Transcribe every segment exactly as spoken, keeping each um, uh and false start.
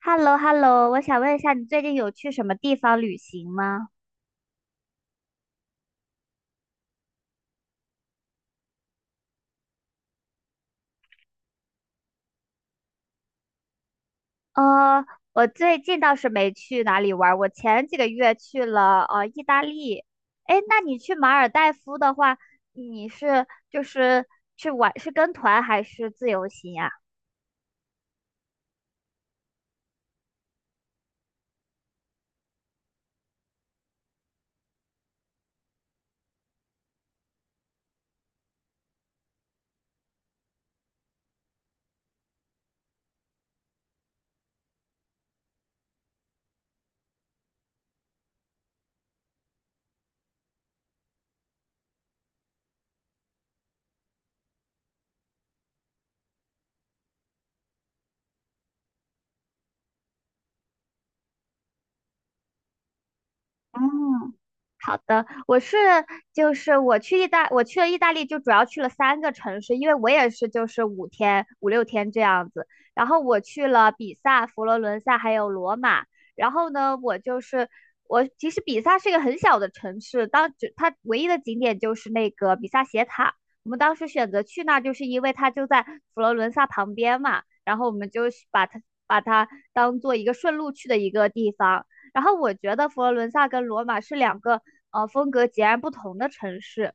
h e l l o h e l l o 我想问一下，你最近有去什么地方旅行吗？呃，我最近倒是没去哪里玩儿，我前几个月去了呃意大利。诶，那你去马尔代夫的话，你是就是去玩是跟团还是自由行呀？嗯，好的，我是就是我去意大，我去了意大利，就主要去了三个城市，因为我也是就是五天五六天这样子。然后我去了比萨、佛罗伦萨还有罗马。然后呢，我就是我其实比萨是一个很小的城市，当只它唯一的景点就是那个比萨斜塔。我们当时选择去那儿，就是因为它就在佛罗伦萨旁边嘛，然后我们就是把它把它当做一个顺路去的一个地方。然后我觉得佛罗伦萨跟罗马是两个呃风格截然不同的城市。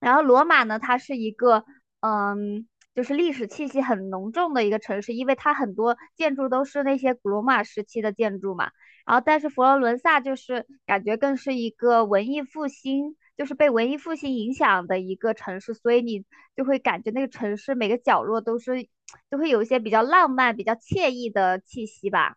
然后罗马呢，它是一个嗯，就是历史气息很浓重的一个城市，因为它很多建筑都是那些古罗马时期的建筑嘛。然后，但是佛罗伦萨就是感觉更是一个文艺复兴，就是被文艺复兴影响的一个城市，所以你就会感觉那个城市每个角落都是，就会有一些比较浪漫、比较惬意的气息吧。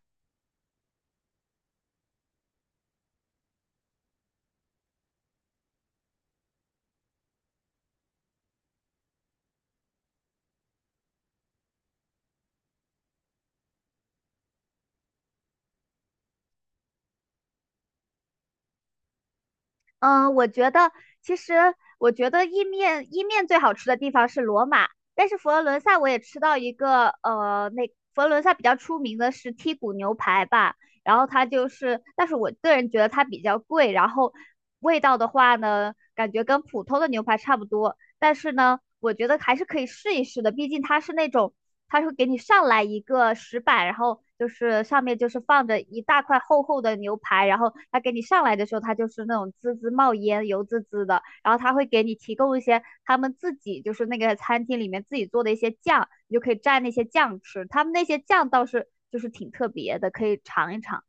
嗯，我觉得其实我觉得意面意面最好吃的地方是罗马，但是佛罗伦萨我也吃到一个呃，那佛罗伦萨比较出名的是剔骨牛排吧，然后它就是，但是我个人觉得它比较贵，然后味道的话呢，感觉跟普通的牛排差不多，但是呢，我觉得还是可以试一试的，毕竟它是那种他会给你上来一个石板，然后就是上面就是放着一大块厚厚的牛排，然后他给你上来的时候，他就是那种滋滋冒烟、油滋滋的，然后他会给你提供一些他们自己就是那个餐厅里面自己做的一些酱，你就可以蘸那些酱吃。他们那些酱倒是就是挺特别的，可以尝一尝。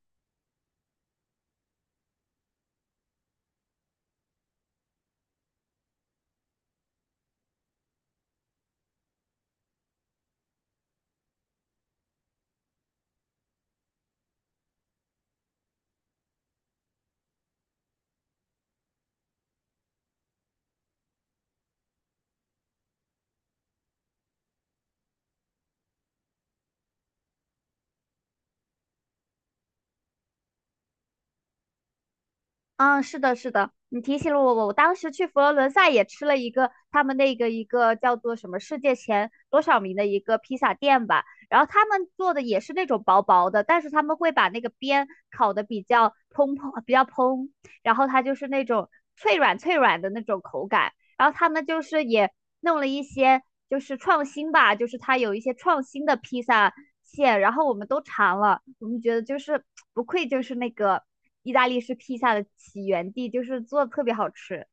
嗯，是的，是的，你提醒了我，我当时去佛罗伦萨也吃了一个他们那个一个叫做什么世界前多少名的一个披萨店吧，然后他们做的也是那种薄薄的，但是他们会把那个边烤的比较蓬蓬，比较蓬，然后它就是那种脆软脆软的那种口感，然后他们就是也弄了一些就是创新吧，就是他有一些创新的披萨馅，然后我们都尝了，我们觉得就是不愧就是那个意大利式披萨的起源地，就是做的特别好吃。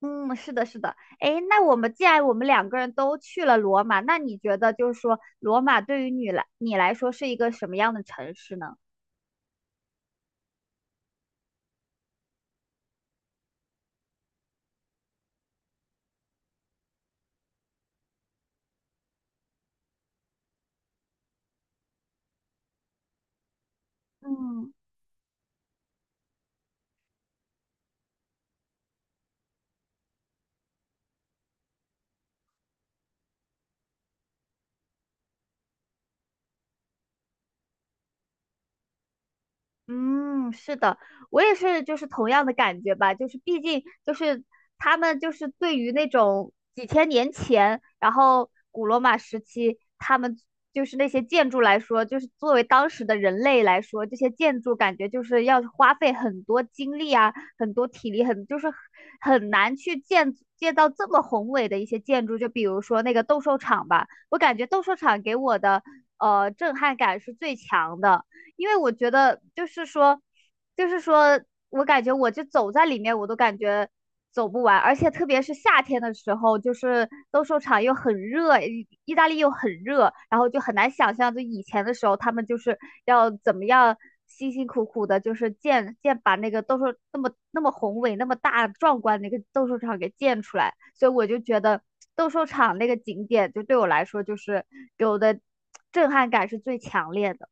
嗯，是的，是的。哎，那我们既然我们两个人都去了罗马，那你觉得就是说罗马对于你来你来说是一个什么样的城市呢？嗯。嗯，是的，我也是，就是同样的感觉吧，就是毕竟就是他们就是对于那种几千年前，然后古罗马时期，他们就是那些建筑来说，就是作为当时的人类来说，这些建筑感觉就是要花费很多精力啊，很多体力，很就是很难去建建造这么宏伟的一些建筑，就比如说那个斗兽场吧，我感觉斗兽场给我的呃震撼感是最强的。因为我觉得就是说，就是说我感觉我就走在里面，我都感觉走不完，而且特别是夏天的时候，就是斗兽场又很热，意意大利又很热，然后就很难想象，就以前的时候他们就是要怎么样辛辛苦苦的，就是建建把那个斗兽那么那么宏伟、那么大壮观的一个斗兽场给建出来，所以我就觉得斗兽场那个景点就对我来说就是给我的震撼感是最强烈的。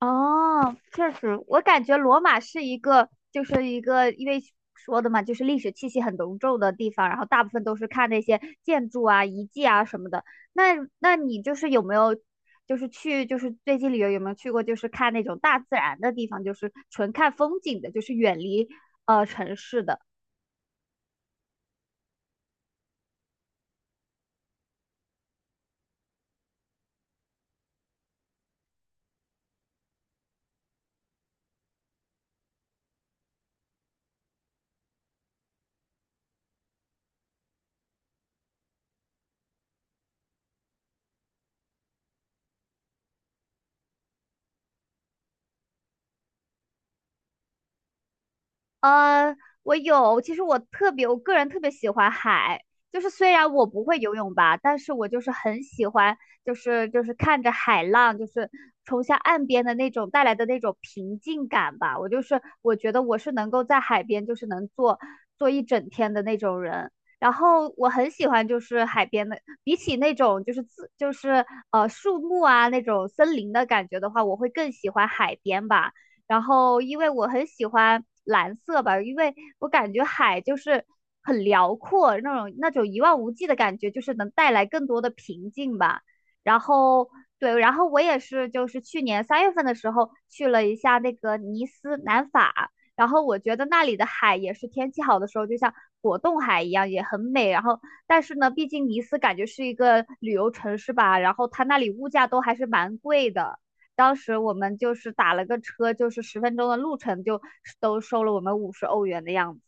哦，确实，我感觉罗马是一个，就是一个，因为说的嘛，就是历史气息很浓重的地方，然后大部分都是看那些建筑啊、遗迹啊什么的。那，那你就是有没有，就是去，就是最近旅游有没有去过，就是看那种大自然的地方，就是纯看风景的，就是远离呃城市的？呃，我有，其实我特别，我个人特别喜欢海，就是虽然我不会游泳吧，但是我就是很喜欢，就是就是看着海浪，就是冲向岸边的那种带来的那种平静感吧。我就是我觉得我是能够在海边就是能坐坐一整天的那种人。然后我很喜欢就是海边的，比起那种就是自就是呃树木啊那种森林的感觉的话，我会更喜欢海边吧。然后因为我很喜欢蓝色吧，因为我感觉海就是很辽阔，那种那种一望无际的感觉，就是能带来更多的平静吧。然后对，然后我也是，就是去年三月份的时候去了一下那个尼斯南法，然后我觉得那里的海也是天气好的时候，就像果冻海一样，也很美。然后但是呢，毕竟尼斯感觉是一个旅游城市吧，然后它那里物价都还是蛮贵的。当时我们就是打了个车，就是十分钟的路程，就都收了我们五十欧元的样子。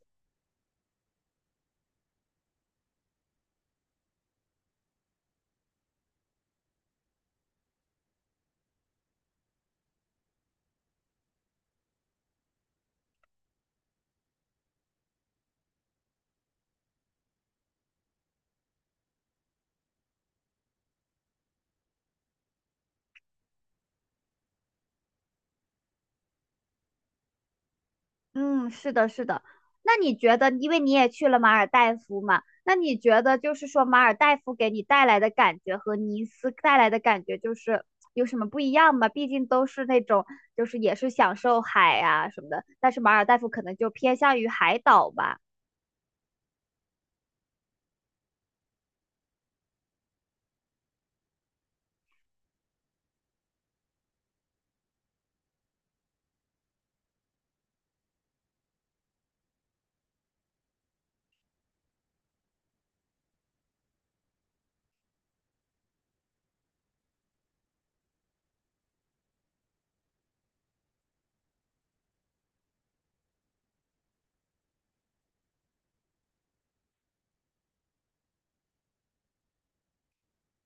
嗯，是的，是的。那你觉得，因为你也去了马尔代夫嘛，那你觉得就是说马尔代夫给你带来的感觉和尼斯带来的感觉就是有什么不一样吗？毕竟都是那种就是也是享受海啊什么的，但是马尔代夫可能就偏向于海岛吧。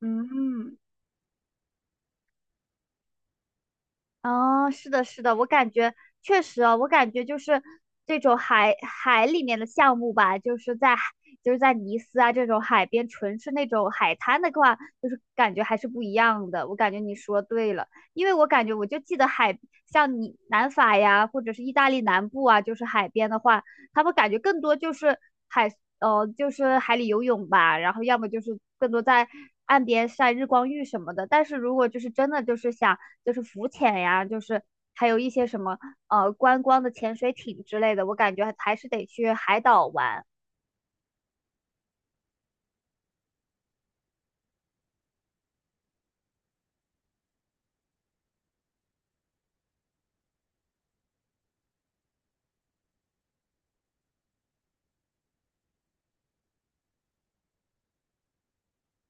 嗯。哦，是的，是的，我感觉确实哦，我感觉就是这种海海里面的项目吧，就是在海就是在尼斯啊这种海边，纯是那种海滩的话，就是感觉还是不一样的。我感觉你说对了，因为我感觉我就记得海，像你南法呀，或者是意大利南部啊，就是海边的话，他们感觉更多就是海，呃，就是海里游泳吧，然后要么就是更多在岸边晒日光浴什么的。但是如果就是真的就是想就是浮潜呀，就是还有一些什么呃观光的潜水艇之类的，我感觉还是得去海岛玩。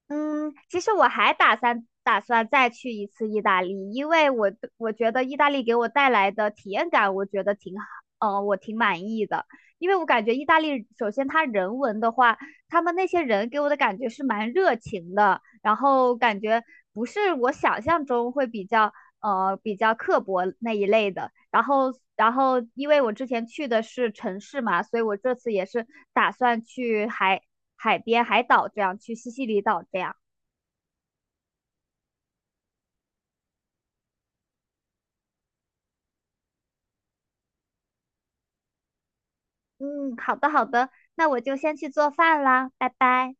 嗯，其实我还打算打算再去一次意大利，因为我我觉得意大利给我带来的体验感，我觉得挺好，呃，我挺满意的。因为我感觉意大利，首先他人文的话，他们那些人给我的感觉是蛮热情的，然后感觉不是我想象中会比较呃比较刻薄那一类的。然后，然后因为我之前去的是城市嘛，所以我这次也是打算去海海边、海岛这样，去西西里岛这样。嗯，好的好的，那我就先去做饭啦，拜拜。